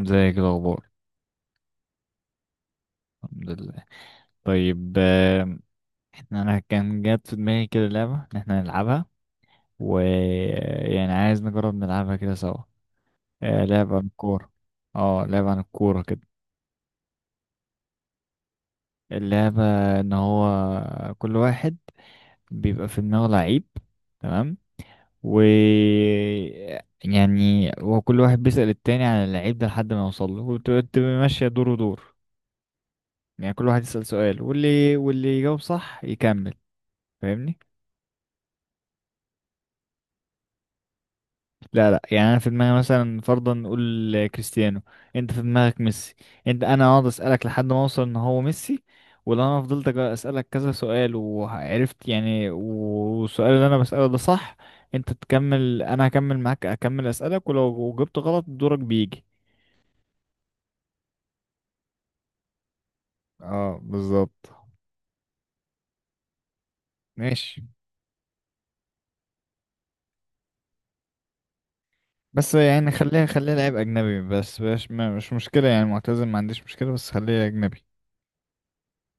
ازيك، إيه الاخبار؟ الحمد لله. طيب. انا كان جات في دماغي كده لعبه ان احنا نلعبها، ويعني عايز نجرب نلعبها كده سوا. لعبه عن الكوره. اه لعبه عن الكوره كده. اللعبه ان هو كل واحد بيبقى في دماغه لعيب. تمام. و يعني هو كل واحد بيسأل التاني عن اللعيب ده لحد ما يوصل له، وتبقى تبقى ماشيه دور ودور. يعني كل واحد يسأل سؤال، واللي يجاوب صح يكمل. فاهمني؟ لا لا، يعني انا في دماغي مثلا فرضا نقول كريستيانو، انت في دماغك ميسي. انا اقعد اسالك لحد ما اوصل ان هو ميسي. ولو انا فضلت اسالك كذا سؤال وعرفت يعني، والسؤال اللي انا بساله ده صح، انت تكمل. انا هكمل معاك، اكمل اسالك. ولو جبت غلط دورك بيجي. اه بالظبط. ماشي. بس يعني خليها لعيب اجنبي، بس مش مشكله يعني، معتزل ما عنديش مشكله، بس خليها اجنبي.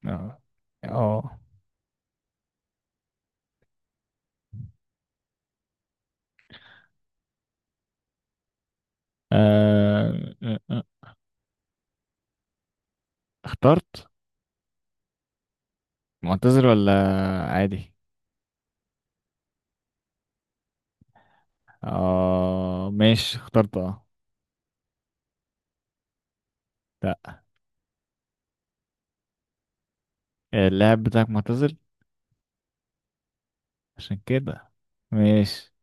اه. اه. آه، اخترت. معتذر ولا عادي؟ اه ماشي اخترت اه. لا. اللاعب بتاعك معتزل، عشان كده ماشي.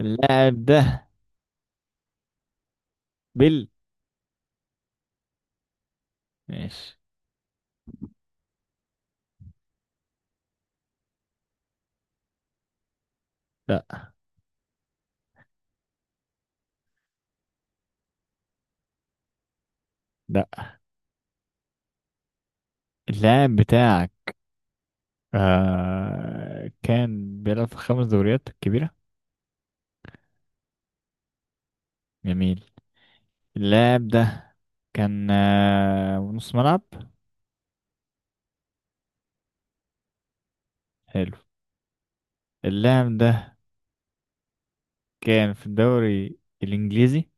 اللاعب ده بيل. ماشي. لا. لا. اللاعب بتاعك كان بيلعب في خمس دوريات كبيرة. جميل. اللاعب ده كان نص ملعب. حلو. اللاعب ده كان في الدوري الإنجليزي.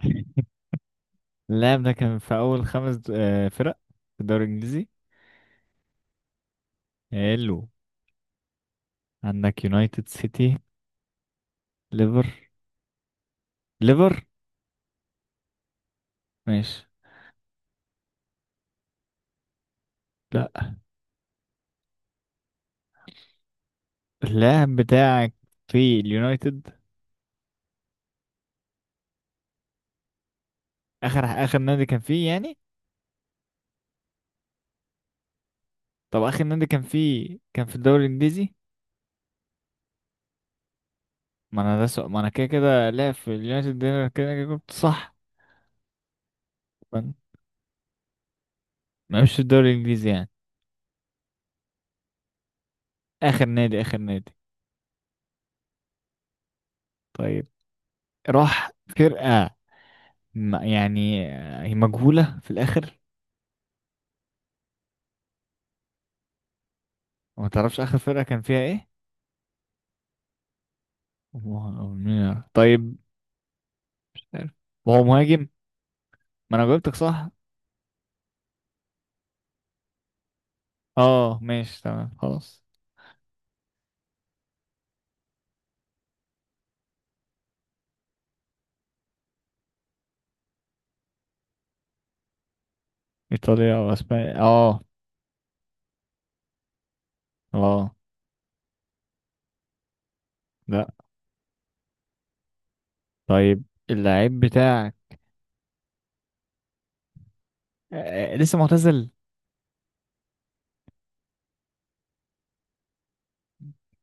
اللاعب ده كان في أول خمس د- آه فرق في الدوري الإنجليزي. حلو. عندك يونايتد، سيتي، ليفر ليفر. ماشي. لا. اللاعب بتاعك في اليونايتد؟ اخر نادي كان فيه يعني. طب اخر نادي كان فيه كان في الدوري الانجليزي؟ ما انا ده سؤال. ما انا كده كده لاعب في اليونايتد، ده أنا كده كده جبت صح. فن- ما مش في الدوري الانجليزي يعني. اخر نادي. طيب. راح فرقة يعني هي مجهولة في الاخر. وما تعرفش اخر فرقة كان فيها ايه. طيب، مش عارف. وهو مهاجم. ما انا جاوبتك صح. اه ماشي تمام خلاص. ايطاليا او اسبانيا اه. اه. لا. طيب. اللعيب بتاعك لسه معتزل.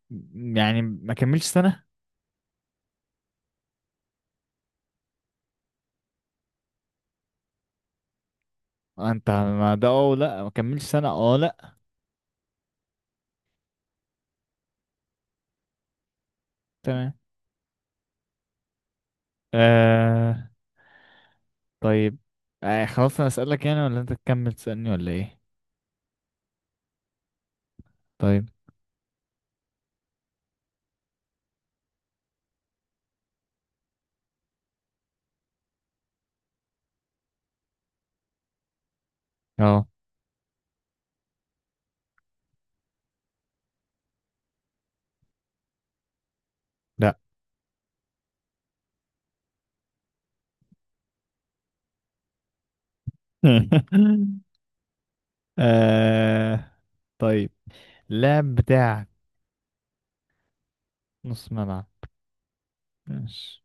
يعني ما كملش سنة. انت ما ده اه لا ما كملش سنة اه لا. تمام. آه. طيب. خلاص انا اسألك يعني ولا انت تكمل تسألني ولا ايه؟ طيب. اه. لا. آه طيب اللاعب بتاعك نص ملعب ماشي.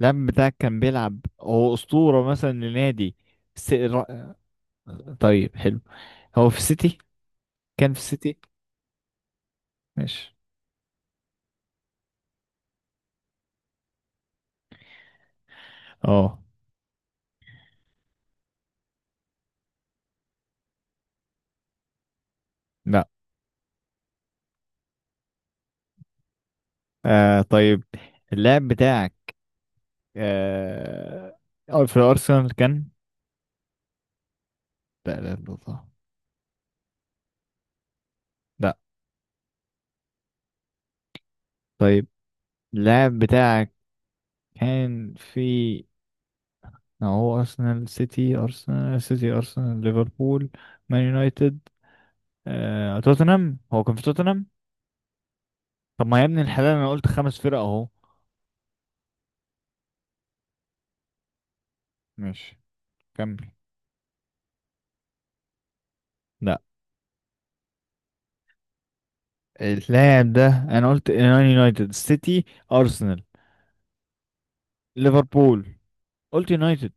لم بتاعك كان بيلعب، هو أسطورة مثلا لنادي س... را- طيب حلو. هو في السيتي، كان في السيتي؟ ماشي. اه. لا. طيب اللاعب بتاعك آه أو في الأرسنال كان؟ لا لا لا لا. لا. طيب اللاعب بتاعك كان في، ما هو أرسنال سيتي أرسنال ليفربول مان يونايتد توتنهام، هو كان في توتنهام. طب ما يا ابن الحلال أنا قلت خمس فرق أهو. ماشي. كمل. لا. اللاعب ده انا قلت إيران يونايتد سيتي ارسنال ليفربول قلت يونايتد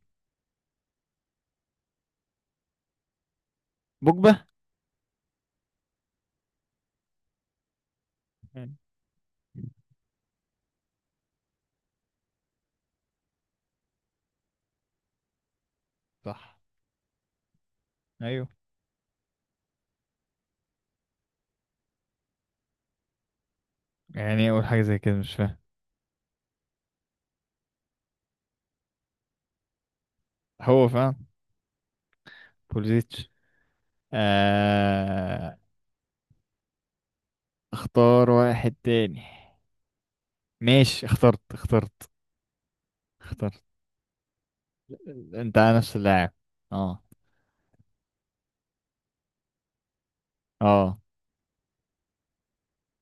بوجبا. صح. ايوه. يعني ايه اقول حاجه زي كده؟ مش فاهم. هو فاهم. بوليزيتش. آه... اختار واحد تاني. ماشي اخترت اخترت. انت على نفس اللاعب. اه. اه.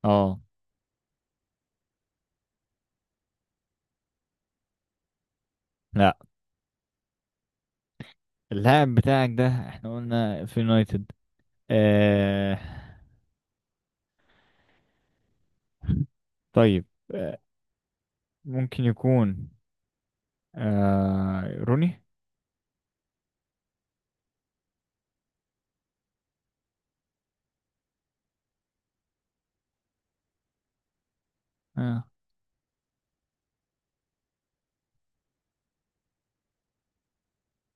اه. لا. اللاعب بتاعك ده احنا قلنا في يونايتد. آه... طيب. آه... ممكن يكون روني. آه.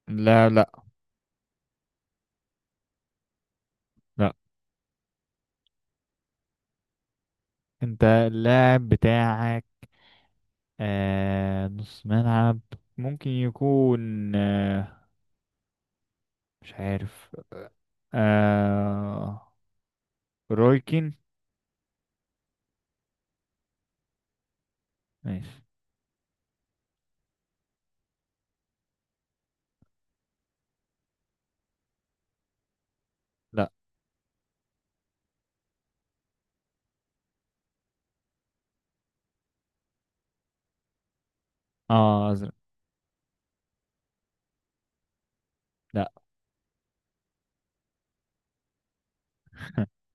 لا لا لا. انت اللاعب بتاعك نص ملعب ممكن يكون مش عارف آه رويكين. ماشي. لا. اه ازرق. لا.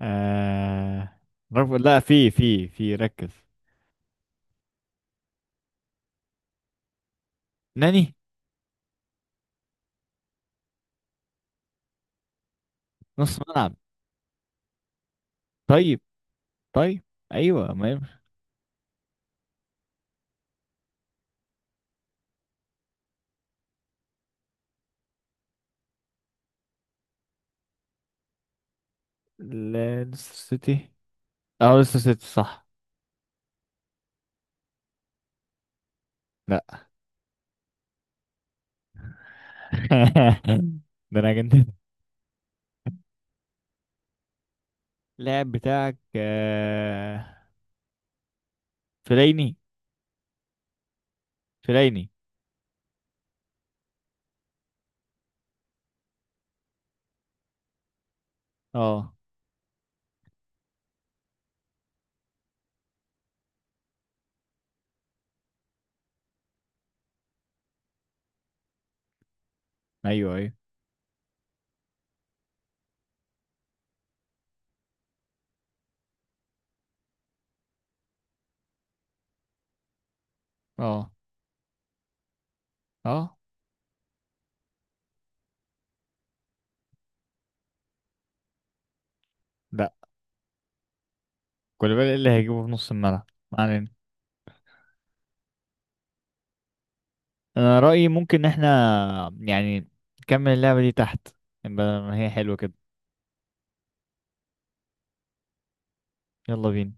آه لا، في ركز. ناني. نص ملعب. طيب. طيب. ايوه ما ينفع. لا، ليستر سيتي. اه ليستر سيتي صح. لا ده انا كنت. اللاعب بتاعك فليني. فليني. اه. ايوه ايوه. اه اه. لا. كولوبالي اللي هيجيبه في نص الملعب ما علينا. انا رأيي ممكن إن احنا يعني نكمل اللعبة دي تحت، بدل ما هي حلوة كده. يلا بينا.